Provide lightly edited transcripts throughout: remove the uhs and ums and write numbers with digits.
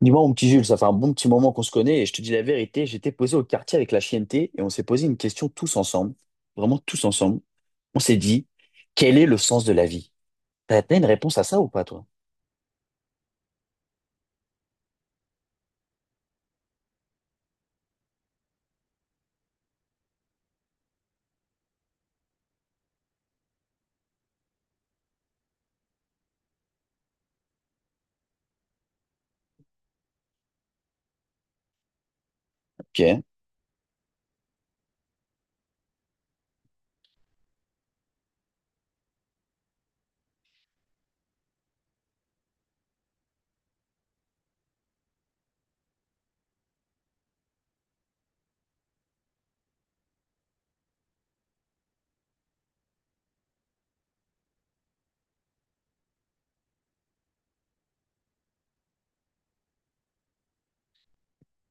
Dis-moi, mon petit Jules, ça fait un bon petit moment qu'on se connaît et je te dis la vérité, j'étais posé au quartier avec la chienneté et on s'est posé une question tous ensemble, vraiment tous ensemble. On s'est dit, quel est le sens de la vie? T'as une réponse à ça ou pas, toi? Ok.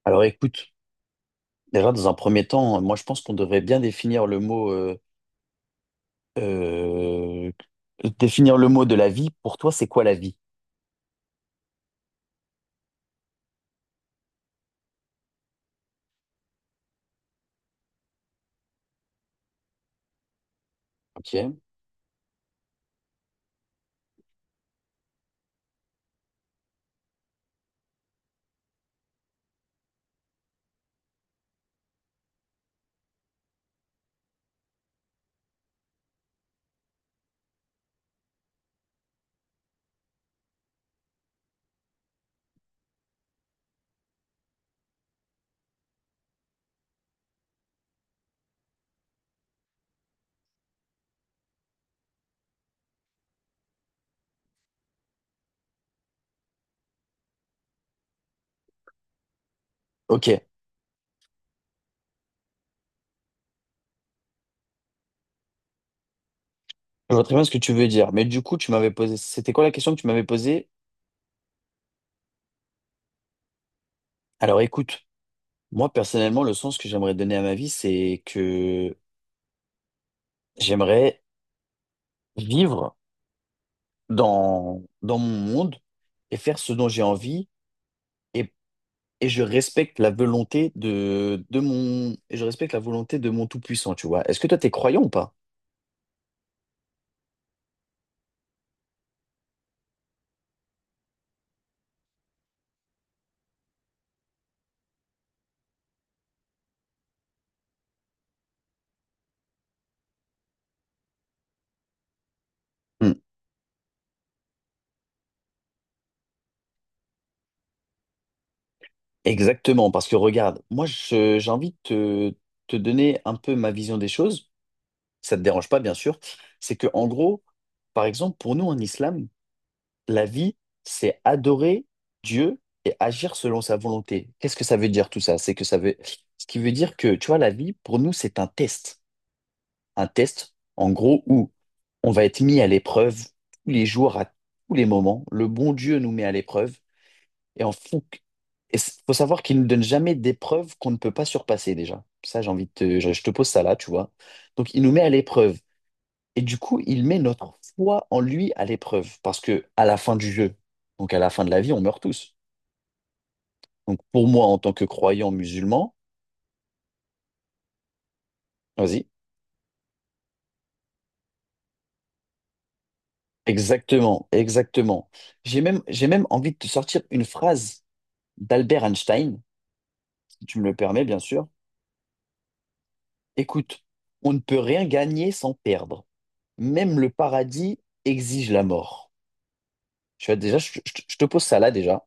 Alors écoute, déjà dans un premier temps, moi je pense qu'on devrait bien euh, définir le mot de la vie. Pour toi, c'est quoi la vie? Ok. Ok. Je vois très bien ce que tu veux dire, mais du coup, tu m'avais posé, c'était quoi la question que tu m'avais posée? Alors écoute. Moi, personnellement, le sens que j'aimerais donner à ma vie, c'est que j'aimerais vivre dans mon monde et faire ce dont j'ai envie et, et je respecte la volonté de mon tout-puissant, tu vois. Est-ce que toi, t'es croyant ou pas? Hmm. Exactement, parce que regarde, moi, j'ai envie de te donner un peu ma vision des choses. Ça te dérange pas, bien sûr. C'est que, en gros, par exemple, pour nous en islam, la vie, c'est adorer Dieu et agir selon sa volonté. Qu'est-ce que ça veut dire tout ça? C'est que ça veut, ce qui veut dire que, tu vois, la vie, pour nous, c'est un test. Un test, en gros, où on va être mis à l'épreuve tous les jours, à tous les moments. Le bon Dieu nous met à l'épreuve. Et en fou, il faut savoir qu'il ne nous donne jamais d'épreuve qu'on ne peut pas surpasser déjà. Ça, j'ai envie de te, je te pose ça là, tu vois. Donc, il nous met à l'épreuve. Et du coup, il met notre foi en lui à l'épreuve, parce que à la fin du jeu, donc à la fin de la vie, on meurt tous. Donc pour moi, en tant que croyant musulman, vas-y, exactement, exactement. J'ai même envie de te sortir une phrase d'Albert Einstein, si tu me le permets, bien sûr. Écoute, on ne peut rien gagner sans perdre. Même le paradis exige la mort. Tu vois, déjà, je te pose ça là déjà.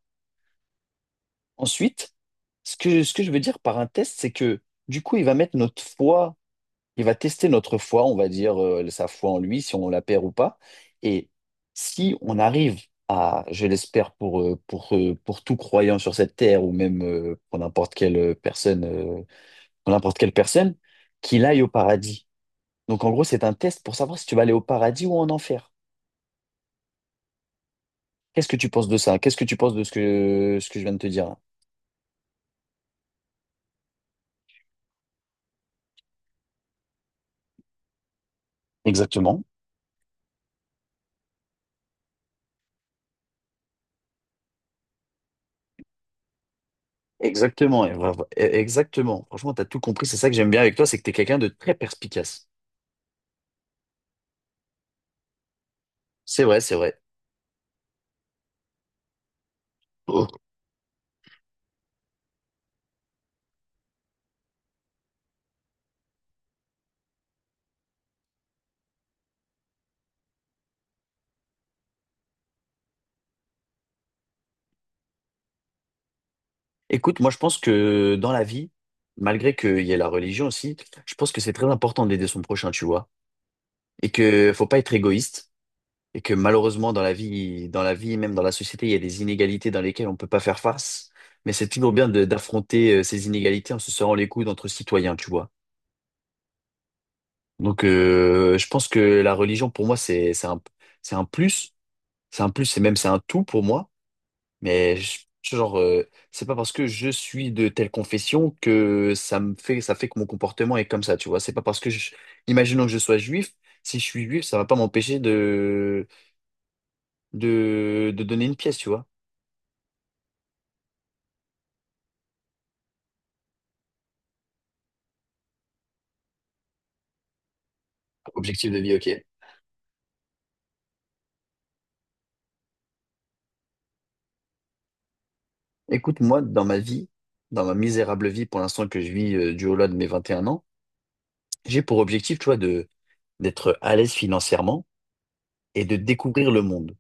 Ensuite, ce que je veux dire par un test, c'est que du coup, il va tester notre foi, on va dire sa foi en lui, si on la perd ou pas. Et si on arrive à, je l'espère pour tout croyant sur cette terre ou même pour n'importe quelle personne, pour n'importe quelle personne, qu'il aille au paradis. Donc en gros, c'est un test pour savoir si tu vas aller au paradis ou en enfer. Qu'est-ce que tu penses de ça? Qu'est-ce que tu penses de ce que je viens de te dire là? Exactement. Exactement, et bravo. Exactement. Franchement, tu as tout compris. C'est ça que j'aime bien avec toi, c'est que tu es quelqu'un de très perspicace. C'est vrai, c'est vrai. Écoute, moi je pense que dans la vie, malgré qu'il y ait la religion aussi, je pense que c'est très important d'aider son prochain, tu vois, et que faut pas être égoïste, et que malheureusement dans la vie, même dans la société, il y a des inégalités dans lesquelles on peut pas faire face, mais c'est toujours bien d'affronter ces inégalités en se serrant les coudes entre citoyens, tu vois. Donc je pense que la religion pour moi c'est un plus, c'est un plus, c'est même c'est un tout pour moi. Mais genre, c'est pas parce que je suis de telle confession que ça fait que mon comportement est comme ça, tu vois. C'est pas parce que je, imaginons que je sois juif, si je suis juif, ça va pas m'empêcher de, de donner une pièce, tu vois. Objectif de vie, ok. Écoute, moi, dans ma vie, dans ma misérable vie pour l'instant que je vis du haut là de mes 21 ans, j'ai pour objectif, tu vois, de d'être à l'aise financièrement et de découvrir le monde.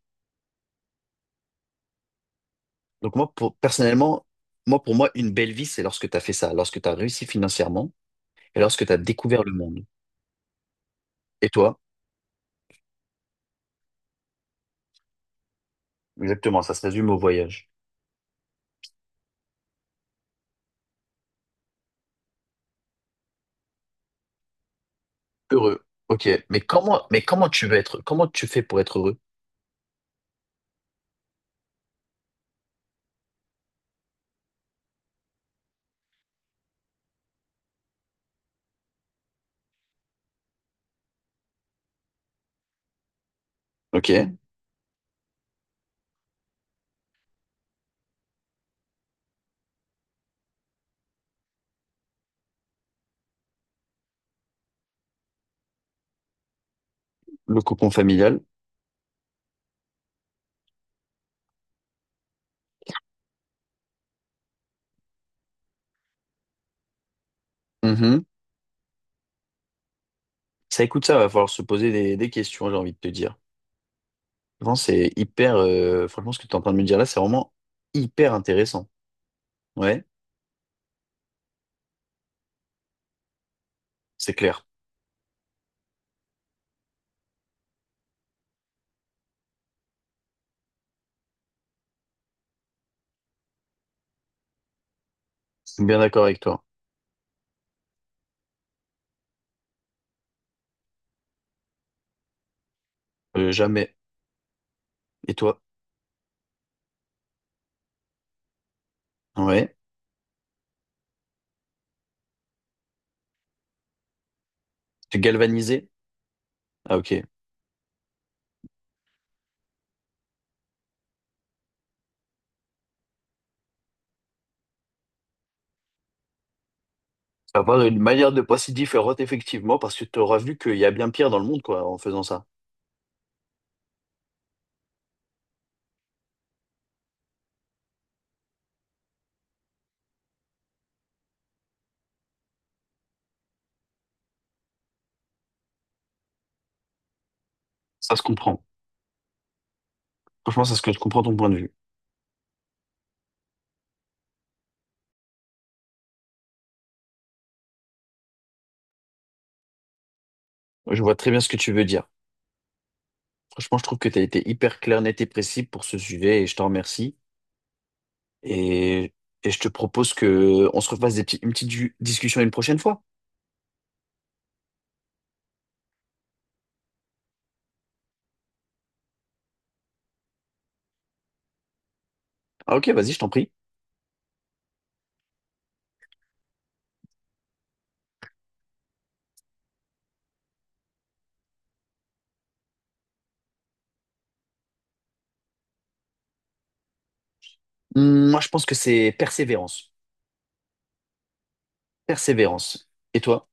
Donc moi, pour, personnellement, moi, pour moi, une belle vie, c'est lorsque tu as fait ça, lorsque tu as réussi financièrement et lorsque tu as découvert le monde. Et toi, exactement, ça se résume au voyage. Heureux. Ok, mais comment tu veux être, comment tu fais pour être heureux? Ok, le cocon familial. Mhm. Ça, écoute, ça va falloir se poser des questions, j'ai envie de te dire. Vraiment, c'est hyper, franchement, ce que tu es en train de me dire là, c'est vraiment hyper intéressant. Ouais, c'est clair. Je suis bien d'accord avec toi. Jamais. Et toi? Ouais. Tu galvanisé? Ah, ok. Avoir une manière de penser différente, effectivement, parce que tu auras vu qu'il y a bien pire dans le monde, quoi, en faisant ça. Ça se comprend. Franchement, c'est ce que je comprends ton point de vue. Je vois très bien ce que tu veux dire. Franchement, je trouve que tu as été hyper clair, net et précis pour ce sujet et je t'en remercie. Et, et je te propose que on se refasse une petite discussion une prochaine fois. Ah, ok, vas-y, je t'en prie. Moi, je pense que c'est persévérance. Persévérance. Et toi?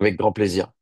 Avec grand plaisir.